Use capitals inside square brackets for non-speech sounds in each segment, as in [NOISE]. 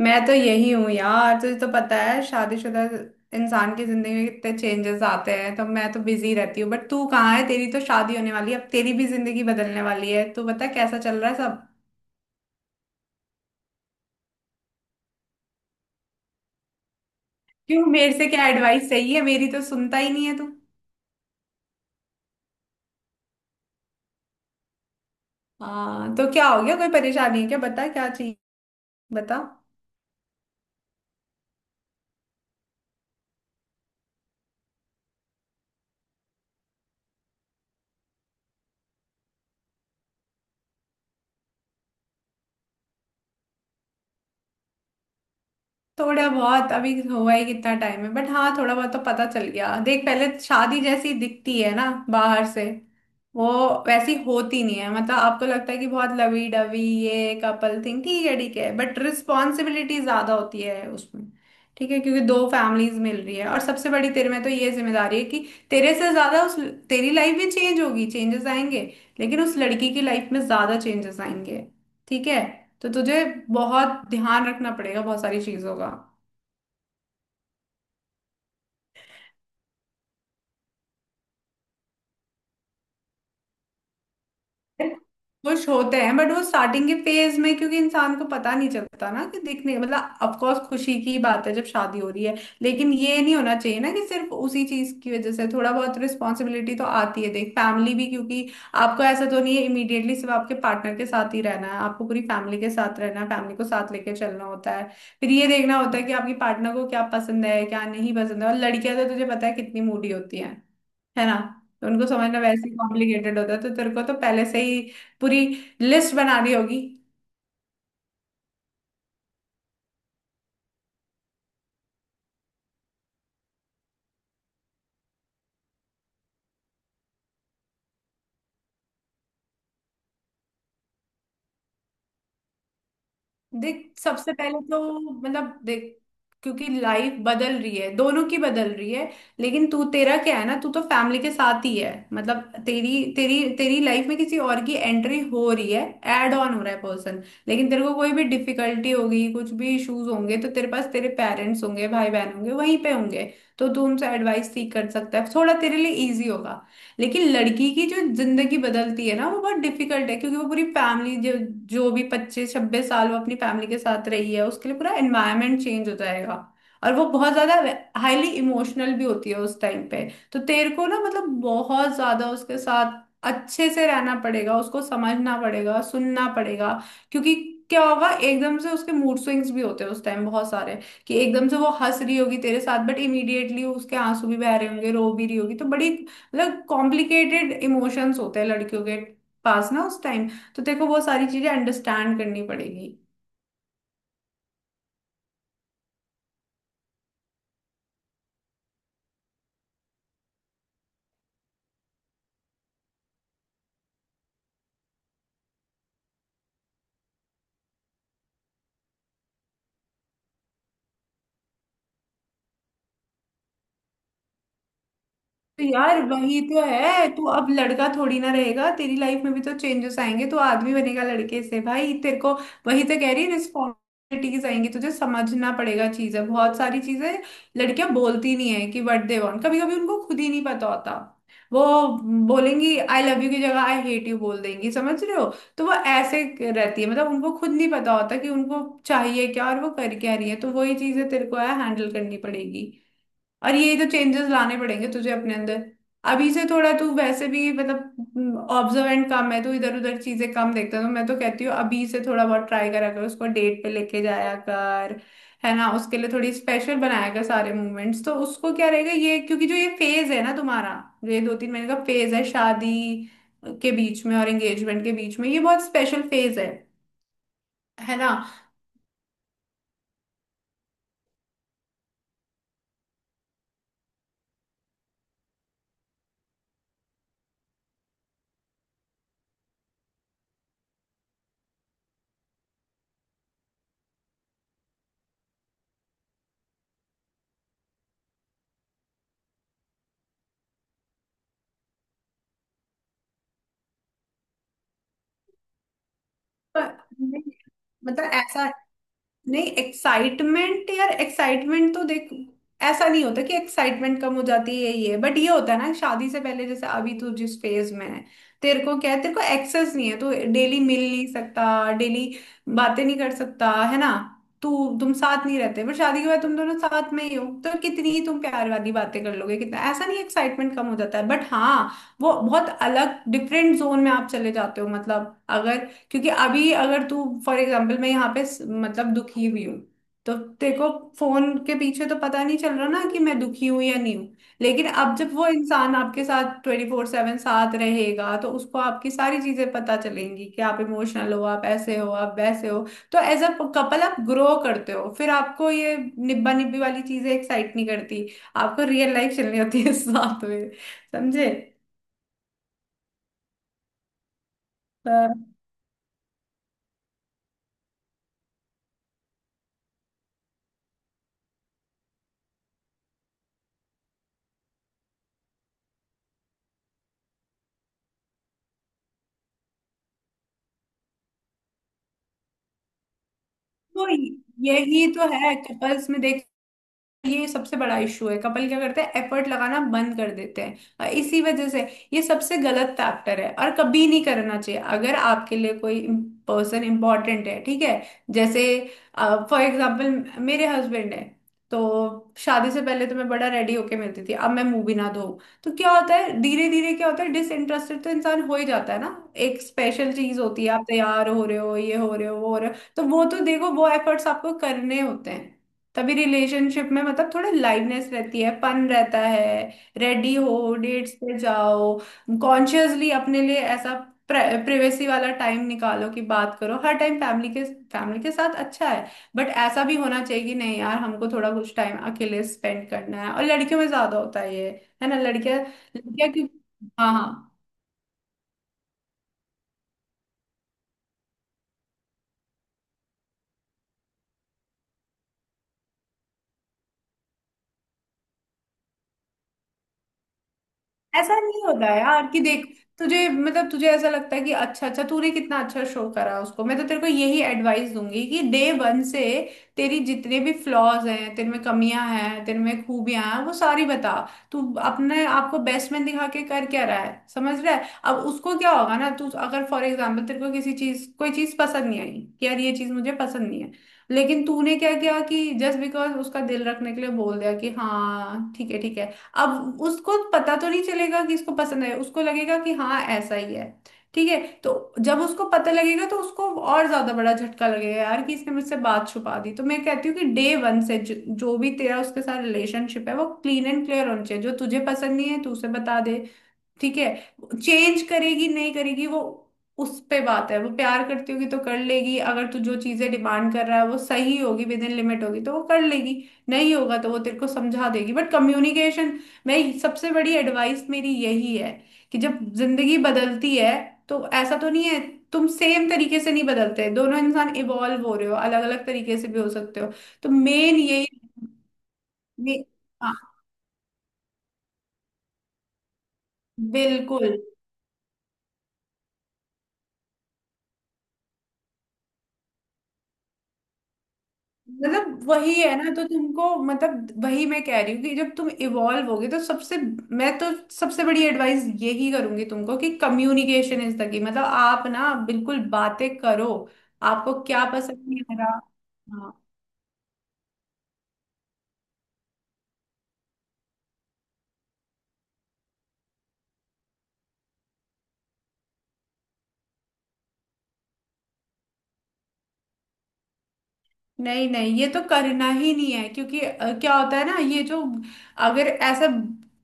मैं तो यही हूँ यार। तुझे तो पता है शादीशुदा इंसान की जिंदगी में कितने चेंजेस आते हैं, तो मैं तो बिजी रहती हूँ। बट तू कहाँ है? तेरी तो शादी होने वाली है, अब तेरी भी जिंदगी बदलने वाली है। तू बता कैसा चल रहा है सब? क्यों? मेरे से क्या एडवाइस चाहिए? मेरी तो सुनता ही नहीं है तू। हाँ, तो क्या हो गया? कोई परेशानी है क्या? बता क्या चाहिए। बता। थोड़ा बहुत अभी हुआ ही कितना टाइम है, बट हाँ थोड़ा बहुत तो पता चल गया। देख, पहले शादी जैसी दिखती है ना बाहर से वो, वैसी होती नहीं है। मतलब आपको लगता है कि बहुत लवी डवी ये कपल थिंग, ठीक है ठीक है, बट रिस्पॉन्सिबिलिटी ज्यादा होती है उसमें। ठीक है, क्योंकि दो फैमिलीज मिल रही है, और सबसे बड़ी तेरे में तो ये जिम्मेदारी है कि तेरे से ज्यादा उस, तेरी लाइफ भी चेंज होगी, चेंजेस आएंगे, लेकिन उस लड़की की लाइफ में ज्यादा चेंजेस आएंगे। ठीक है, तो तुझे बहुत ध्यान रखना पड़ेगा बहुत सारी चीजों का। खुश होते हैं बट वो स्टार्टिंग के फेज में, क्योंकि इंसान को पता नहीं चलता ना कि दिखने, मतलब ऑफ कोर्स खुशी की बात है जब शादी हो रही है, लेकिन ये नहीं होना चाहिए ना कि सिर्फ उसी चीज की वजह से। थोड़ा बहुत रिस्पॉन्सिबिलिटी तो आती है देख, फैमिली भी, क्योंकि आपको ऐसा तो नहीं है इमीडिएटली सिर्फ आपके पार्टनर के साथ ही रहना है, आपको पूरी फैमिली के साथ रहना है, फैमिली को साथ लेके चलना होता है। फिर ये देखना होता है कि आपकी पार्टनर को क्या पसंद है क्या नहीं पसंद है। और लड़कियां तो तुझे पता है कितनी मूडी होती है ना? तो उनको समझना वैसे ही कॉम्प्लिकेटेड होता है, तो तेरे को तो पहले से ही पूरी लिस्ट बनानी होगी। देख सबसे पहले तो, मतलब देख, क्योंकि लाइफ बदल रही है, दोनों की बदल रही है, लेकिन तू, तेरा क्या है ना, तू तो फैमिली के साथ ही है, मतलब तेरी तेरी तेरी लाइफ में किसी और की एंट्री हो रही है, ऐड ऑन हो रहा है पर्सन। लेकिन तेरे को कोई भी डिफिकल्टी होगी, कुछ भी इश्यूज होंगे, तो तेरे पास तेरे पेरेंट्स होंगे, भाई बहन होंगे, वहीं पे होंगे, तो तू उनसे एडवाइस सीख कर सकता है, थोड़ा तेरे लिए इजी होगा। लेकिन लड़की की जो जिंदगी बदलती है ना, वो बहुत डिफिकल्ट है, क्योंकि वो पूरी फैमिली जो जो भी 25-26 साल वो अपनी फैमिली के साथ रही है, उसके लिए पूरा एनवायरनमेंट चेंज हो जाएगा। और वो बहुत ज्यादा हाईली इमोशनल भी होती है उस टाइम पे, तो तेरे को ना मतलब बहुत ज्यादा उसके साथ अच्छे से रहना पड़ेगा, उसको समझना पड़ेगा, सुनना पड़ेगा। क्योंकि क्या होगा, एकदम से उसके मूड स्विंग्स भी होते हैं उस टाइम बहुत सारे, कि एकदम से वो हंस रही होगी तेरे साथ बट इमीडिएटली उसके आंसू भी बह रहे होंगे, रो भी रही होगी। तो बड़ी मतलब कॉम्प्लिकेटेड इमोशंस होते हैं लड़कियों के पास ना उस टाइम। तो तेरे को वो सारी चीजें अंडरस्टैंड करनी पड़ेगी। तो यार वही तो है, तू अब लड़का थोड़ी ना रहेगा, तेरी लाइफ में भी तो चेंजेस आएंगे, तो आदमी बनेगा लड़के से भाई। तेरे को वही तो कह रही, रिस्पॉन्सिबिलिटीज आएंगी, तुझे समझना पड़ेगा चीजें, बहुत सारी चीजें। लड़कियां बोलती नहीं है कि व्हाट दे वांट, कभी कभी उनको खुद ही नहीं पता होता। वो बोलेंगी आई लव यू की जगह आई हेट यू बोल देंगी, समझ रहे हो? तो वो ऐसे रहती है, मतलब उनको खुद नहीं पता होता कि उनको चाहिए क्या और वो कर क्या रही है। तो वही चीजें तेरे को है हैंडल करनी पड़ेगी, और ये तो चेंजेस लाने पड़ेंगे तुझे अपने अंदर। अभी से थोड़ा, तू वैसे भी मतलब ऑब्जर्वेंट कम है, तू इधर उधर चीजें कम देखता है, तो मैं तो कहती हूँ अभी से थोड़ा बहुत ट्राई करा कर, उसको डेट पे लेके जाया कर, है ना? उसके लिए थोड़ी स्पेशल बनाया कर सारे मूवमेंट्स, तो उसको क्या रहेगा ये। क्योंकि जो ये फेज है ना तुम्हारा, जो ये 2-3 महीने का फेज है शादी के बीच में और एंगेजमेंट के बीच में, ये बहुत स्पेशल फेज है ना? पर- मतलब ऐसा नहीं, एक्साइटमेंट यार, एक्साइटमेंट तो देख, ऐसा नहीं होता कि एक्साइटमेंट कम हो जाती है ये। बट ये होता है ना, शादी से पहले जैसे अभी तू जिस फेज में है, तेरे को क्या है, तेरे को एक्सेस नहीं है, तू डेली मिल नहीं सकता, डेली बातें नहीं कर सकता, है ना? तू, तुम साथ नहीं रहते, बट शादी के बाद तुम दोनों साथ में ही हो, तो कितनी ही तुम प्यार वाली बातें कर लोगे, कितना, ऐसा नहीं एक्साइटमेंट कम हो जाता है, बट हाँ वो बहुत अलग डिफरेंट जोन में आप चले जाते हो। मतलब अगर, क्योंकि अभी अगर तू फॉर एग्जाम्पल, मैं यहाँ पे मतलब दुखी हुई हूँ, तो तेरे को फोन के पीछे तो पता नहीं चल रहा ना कि मैं दुखी हूं या नहीं हूं। लेकिन अब जब वो इंसान आपके साथ 24/7 साथ रहेगा, तो उसको आपकी सारी चीजें पता चलेंगी कि आप इमोशनल हो, आप ऐसे हो, आप वैसे हो। तो एज अ कपल आप ग्रो करते हो, फिर आपको ये निब्बा निब्बी वाली चीजें एक्साइट नहीं करती। आपको रियल लाइफ चलनी होती है साथ में, समझे? तो तो यही तो है कपल्स में देख, ये सबसे बड़ा इशू है, कपल क्या करते हैं एफर्ट लगाना बंद कर देते हैं, और इसी वजह से ये सबसे गलत फैक्टर है, और कभी नहीं करना चाहिए अगर आपके लिए कोई पर्सन इंपॉर्टेंट है, ठीक है? जैसे फॉर एग्जाम्पल मेरे हस्बैंड है, तो शादी से पहले तो मैं बड़ा रेडी होके मिलती थी, अब मैं मुंह भी ना धो। तो क्या होता है धीरे धीरे क्या होता है, डिसइंटरेस्टेड तो इंसान हो ही जाता है ना। एक स्पेशल चीज होती है, आप तैयार हो रहे हो, ये हो रहे हो, वो हो रहे हो, तो वो तो देखो वो एफर्ट्स आपको करने होते हैं, तभी रिलेशनशिप में मतलब थोड़ा लाइवनेस रहती है, फन रहता है। रेडी हो, डेट्स पे जाओ, कॉन्शियसली अपने लिए ऐसा प्राइवेसी वाला टाइम निकालो कि बात करो, हर टाइम फैमिली के साथ अच्छा है, बट ऐसा भी होना चाहिए कि नहीं यार, हमको थोड़ा कुछ टाइम अकेले स्पेंड करना है, और लड़कियों में ज्यादा होता है ये, है ना? लड़कियां, लड़कियां क्यों? हाँ हाँ, ऐसा नहीं होता यार कि देख, तुझे, मतलब तुझे ऐसा लगता है कि अच्छा अच्छा तूने कितना अच्छा शो करा उसको। मैं तो तेरे को यही एडवाइस दूंगी कि डे वन से तेरी जितने भी फ्लॉज हैं तेरे में, कमियां हैं तेरे में, खूबियां हैं, वो सारी बता। तू अपने आप को बेस्ट में दिखा के कर क्या रहा है, समझ रहा है? अब उसको क्या होगा ना, तू अगर फॉर एग्जाम्पल तेरे को किसी चीज कोई चीज पसंद नहीं आई कि यार ये चीज मुझे पसंद नहीं है, लेकिन तूने क्या किया कि जस्ट बिकॉज उसका दिल रखने के लिए बोल दिया कि हाँ ठीक है ठीक है। अब उसको पता तो नहीं चलेगा कि इसको पसंद है, उसको लगेगा कि हाँ ऐसा ही है, ठीक है। तो जब उसको पता लगेगा तो उसको और ज्यादा बड़ा झटका लगेगा यार कि इसने मुझसे बात छुपा दी। तो मैं कहती हूँ कि डे वन से जो, जो भी तेरा उसके साथ रिलेशनशिप है वो क्लीन एंड क्लियर होना चाहिए। जो तुझे पसंद नहीं है तू उसे बता दे, ठीक है? चेंज करेगी नहीं करेगी वो, उस पे बात है। वो प्यार करती होगी तो कर लेगी, अगर तू जो चीजें डिमांड कर रहा है वो सही होगी, विद इन लिमिट होगी, तो वो कर लेगी, नहीं होगा तो वो तेरे को समझा देगी। बट कम्युनिकेशन, मैं सबसे बड़ी एडवाइस मेरी यही है, कि जब जिंदगी बदलती है, तो ऐसा तो नहीं है तुम सेम तरीके से नहीं बदलते, दोनों इंसान इवॉल्व हो रहे हो, अलग अलग तरीके से भी हो सकते हो। तो मेन यही, मे- हाँ, बिल्कुल। मतलब वही है ना, तो तुमको, मतलब वही मैं कह रही हूँ कि जब तुम इवॉल्व होगे तो सबसे, मैं तो सबसे बड़ी एडवाइस यही करूंगी तुमको कि कम्युनिकेशन इज द की। मतलब आप ना बिल्कुल बातें करो, आपको क्या पसंद नहीं आ रहा। हाँ। नहीं नहीं, ये तो करना ही नहीं है, क्योंकि क्या होता है ना, ये जो, अगर ऐसा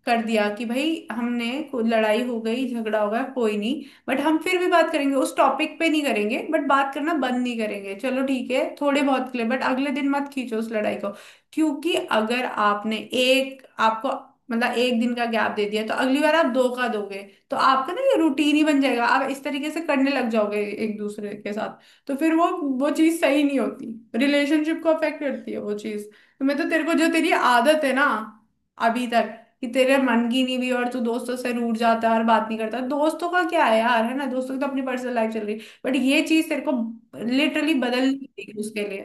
कर दिया कि भाई हमने लड़ाई हो गई झगड़ा हो गया कोई नहीं, बट हम फिर भी बात करेंगे, उस टॉपिक पे नहीं करेंगे बट बात करना बंद नहीं करेंगे। चलो ठीक है थोड़े बहुत के लिए, बट अगले दिन मत खींचो उस लड़ाई को। क्योंकि अगर आपने एक, आपको, मतलब एक दिन का गैप दे दिया तो अगली बार आप दो का दोगे, तो आपका ना ये रूटीन ही बन जाएगा, आप इस तरीके से करने लग जाओगे एक दूसरे के साथ, तो फिर वो चीज सही नहीं होती, रिलेशनशिप को अफेक्ट करती है वो चीज। तो मैं तो तेरे को जो, तेरी आदत है ना अभी तक, कि तेरे मन की नहीं भी और तू दोस्तों से रूठ जाता है और बात नहीं करता, दोस्तों का क्या है यार, है ना, दोस्तों की तो अपनी पर्सनल लाइफ चल रही है, बट ये चीज तेरे को लिटरली बदलनी पड़ेगी उसके लिए।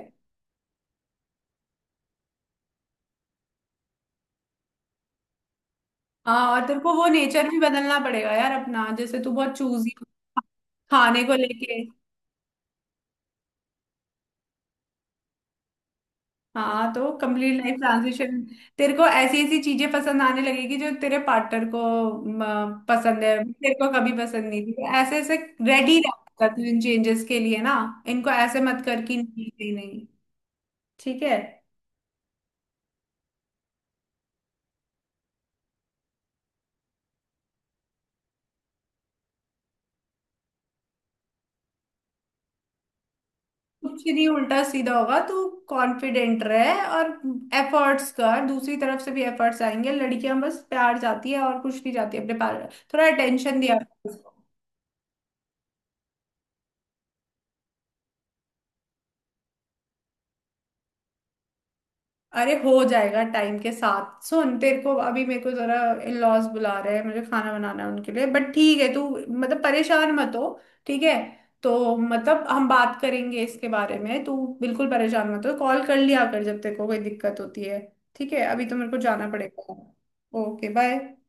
हाँ, और तेरे को वो नेचर भी बदलना पड़ेगा यार अपना, जैसे तू बहुत चूजी खाने को लेके। हाँ, तो कंप्लीट लाइफ ट्रांजिशन [LAUGHS] तेरे को ऐसी ऐसी चीजें पसंद आने लगेगी जो तेरे पार्टनर को पसंद है, तेरे को कभी पसंद नहीं थी, ऐसे ऐसे रेडी रहता तू इन चेंजेस के लिए ना, इनको ऐसे मत कर कि नहीं नहीं नहीं। ठीक है, कुछ नहीं उल्टा सीधा होगा, तू कॉन्फिडेंट रहे और एफर्ट्स कर, दूसरी तरफ से भी एफर्ट्स आएंगे। लड़कियां बस प्यार चाहती है और कुछ नहीं चाहती, अपने पार्टनर थोड़ा अटेंशन दिया करो उसको। अरे हो जाएगा टाइम के साथ, सुन, तेरे को अभी, मेरे को जरा इन लॉज बुला रहे हैं, मुझे खाना बनाना है उनके लिए, बट ठीक है तू मतलब परेशान मत हो, ठीक है। तो मतलब हम बात करेंगे इसके बारे में, तू बिल्कुल परेशान मत हो, कॉल कर लिया कर जब तेरे को कोई दिक्कत होती है, ठीक है। अभी तो मेरे को जाना पड़ेगा। Okay bye.